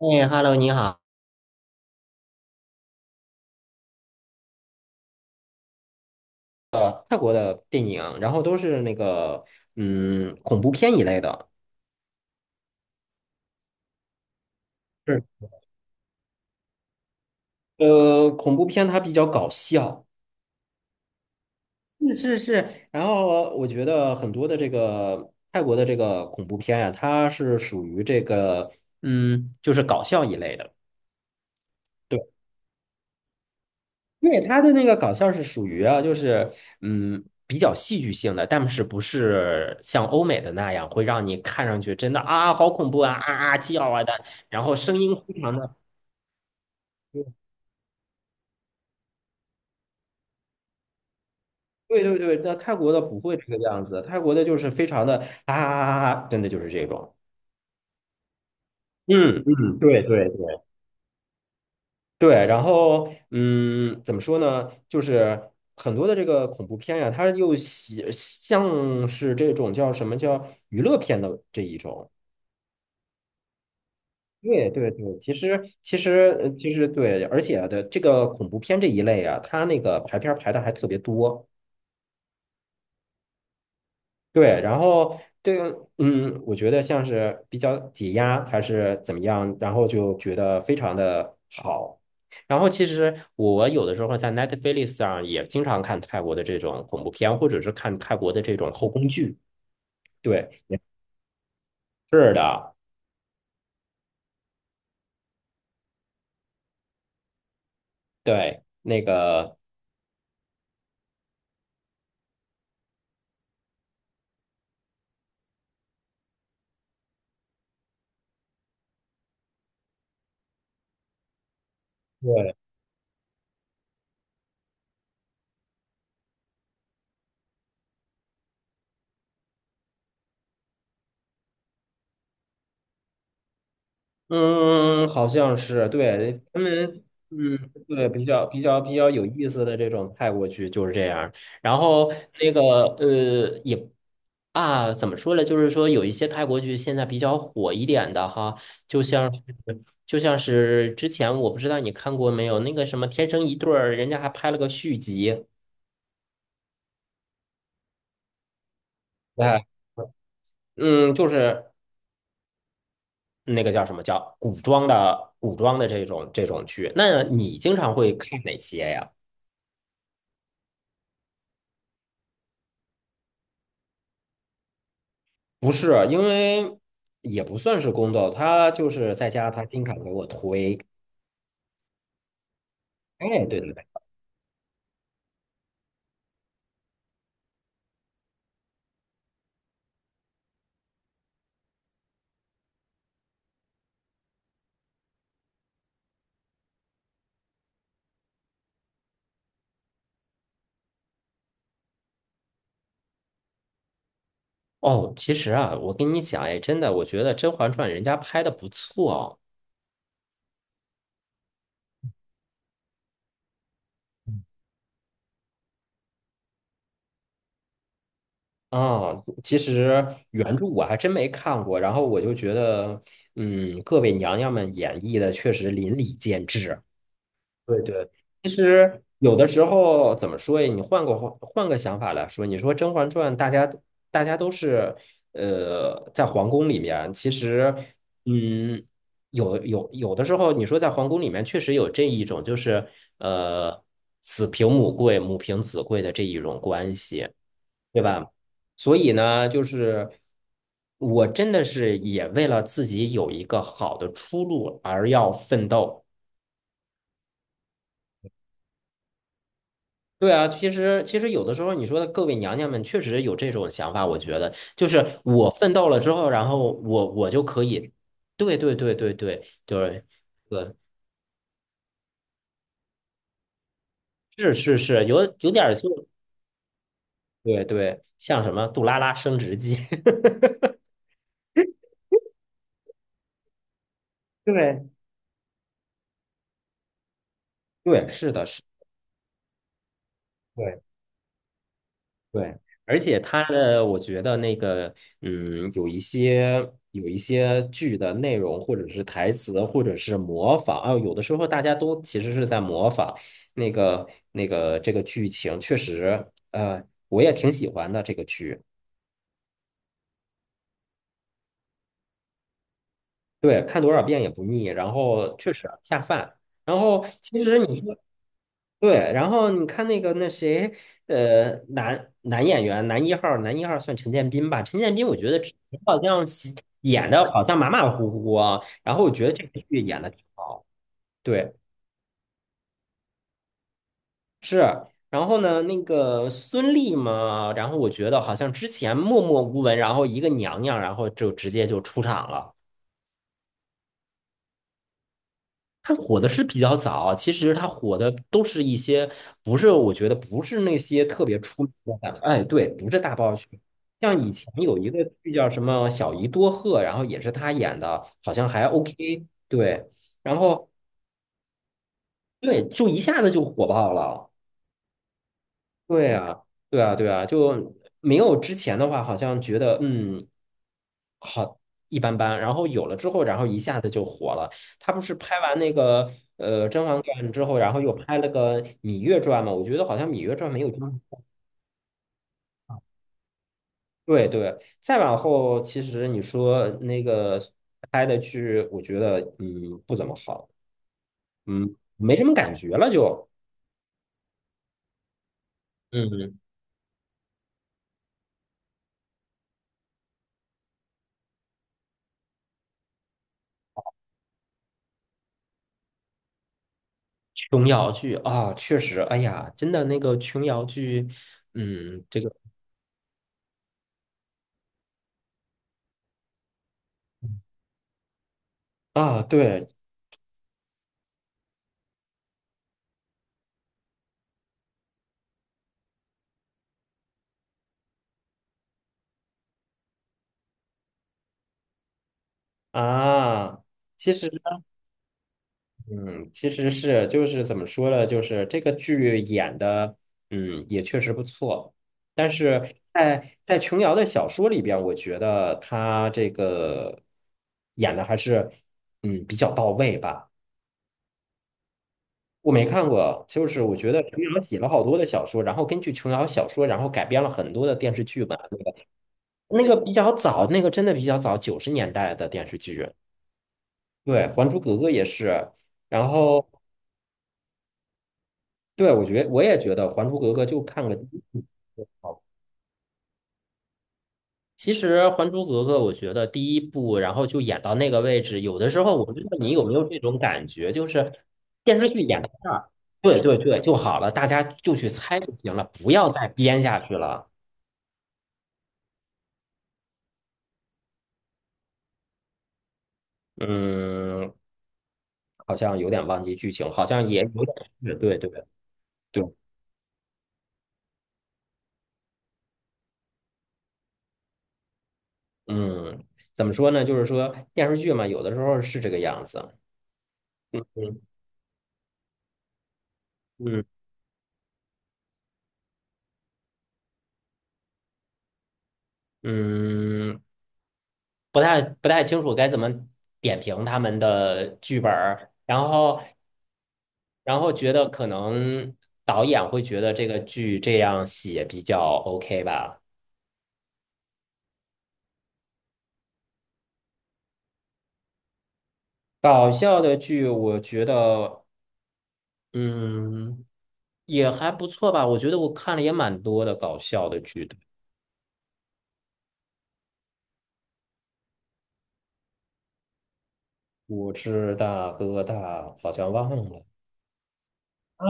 哎，Hello，你好。泰国的电影，然后都是恐怖片一类的。是。恐怖片它比较搞笑。是是是。然后我觉得很多的这个泰国的这个恐怖片呀、它是属于就是搞笑一类的。对，因为它的那个搞笑是属于啊，就是比较戏剧性的，但是不是像欧美的。对对对，但泰国的不会这个样子，泰国的就是非常的啊啊啊，啊真的就是这种。嗯嗯，对对对。对，然后怎么说呢？就是很多的这个恐怖片呀、它又喜像是这种叫什么叫娱乐片的这一种。对对对，其实对，而且的这个恐怖片这一类啊，它那个排片儿排的还特别多。对，然后对，嗯，我觉得像是比较解压还是怎么样，然后就觉得非常的好。然后其实我有的时候在 Netflix 上也经常看泰国的这种恐怖片，或者是看泰国的这种后宫剧。对，也是的，对，那个。对。嗯，好像是，对，他们，嗯，对，比较有意思的这种泰国剧就是这样。然后那个呃，也啊，怎么说呢？就是说有一些泰国剧现在比较火一点的哈，就像是就像是之前我不知道你看过没有，那个什么《天生一对儿》，人家还拍了个续集。哎，嗯，就是那个叫什么叫古装的这种剧。那你经常会看哪些呀？不是，因为也不算是宫斗，他就是在家，他经常给我推。哎，对对对。哦，其实啊，我跟你讲，哎，真的，我觉得《甄嬛传》人家拍的不错啊。其实原著我还真没看过，然后我就觉得，嗯，各位娘娘们演绎的确实淋漓尽致。对对，其实有的时候怎么说呀？你换个想法来说，你说《甄嬛传》，大家都是呃在皇宫里面，其实嗯，有的时候，你说在皇宫里面确实有这一种，就是呃子凭母贵，母凭子贵的这一种关系，对吧？所以呢，就是我真的是也为了自己有一个好的出路而要奋斗。对啊，其实有的时候，你说的各位娘娘们确实有这种想法，我觉得就是我奋斗了之后，然后我就可以，对对对对对对对，呃是是是，有点儿就对对，像什么杜拉拉升职记，对对，是的是，对。对，而且它的，我觉得那个，嗯，有一些剧的内容，或者是台词，或者是模仿啊，有的时候大家都其实是在模仿那个这个剧情，确实，我也挺喜欢的这个剧，对，看多少遍也不腻，然后确实下饭。然后其实你说对，然后你看那个那谁，男演员，男一号算陈建斌吧？陈建斌，我觉得平时好像喜演的好像马马虎虎啊，然后我觉得这个剧演的挺好，对，是。然后呢，那个孙俪嘛，然后我觉得好像之前默默无闻，然后一个娘娘，然后就直接就出场了。它火的是比较早，其实它火的都是一些不是，我觉得不是那些特别出名的大，哎，对，不是大爆剧。像以前有一个剧叫什么《小姨多鹤》，然后也是他演的，好像还 OK,对，然后对，就一下子就火爆了，对啊，对啊,就没有之前的话，好像觉得好一般般，然后有了之后，然后一下子就火了。他不是拍完那个《甄嬛传》之后，然后又拍了个《芈月传》嘛？我觉得好像《芈月传》没有这么对对。再往后，其实你说那个拍的剧，我觉得不怎么好，没什么感觉了就。嗯，琼瑶剧啊，确实，哎呀，真的那个琼瑶剧，嗯，这个啊，对啊，其实。嗯，其实是就是怎么说呢，就是这个剧演的，嗯，也确实不错。但是在琼瑶的小说里边，我觉得她这个演的还是比较到位吧。我没看过，就是我觉得琼瑶写了好多的小说，然后根据琼瑶小说，然后改编了很多的电视剧吧。那个比较早，那个真的比较早，九十年代的电视剧。对，《还珠格格》也是，然后。对，我觉我也觉得《还珠格格》就看个第一部就好。其实《还珠格格》，我觉得第一部，然后就演到那个位置，有的时候我不知道你有没有这种感觉，就是电视剧演到这儿，对对对，就好了，大家就去猜就行了，不要再编下去了。嗯，好像有点忘记剧情，好像也有点是，对对对，嗯，怎么说呢？就是说电视剧嘛，有的时候是这个样子。嗯嗯。嗯，不太清楚该怎么点评他们的剧本儿，然后然后觉得可能导演会觉得这个剧这样写比较 OK 吧。搞笑的剧，我觉得嗯也还不错吧，我觉得我看了也蛮多的搞笑的剧的。我是大哥大，好像忘了。啊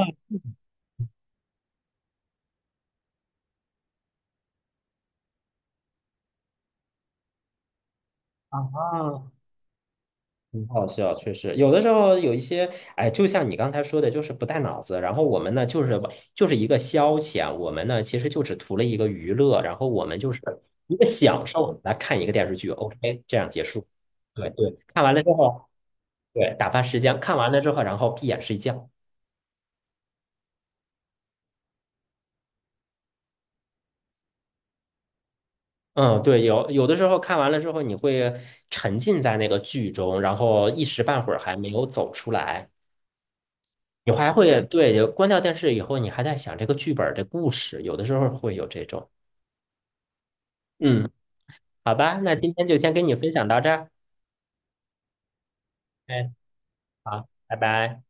啊！很好笑，确实有的时候有一些，哎，就像你刚才说的，就是不带脑子。然后我们呢，就是就是一个消遣，我们呢其实就只图了一个娱乐，然后我们就是一个享受来看一个电视剧，OK,这样结束。对对，看完了之后，对，打发时间，看完了之后，然后闭眼睡觉。嗯，对，有的时候看完了之后，你会沉浸在那个剧中，然后一时半会儿还没有走出来。你还会，对，有关掉电视以后，你还在想这个剧本儿的故事，有的时候会有这种。嗯，好吧，那今天就先跟你分享到这儿。哎，好，拜拜。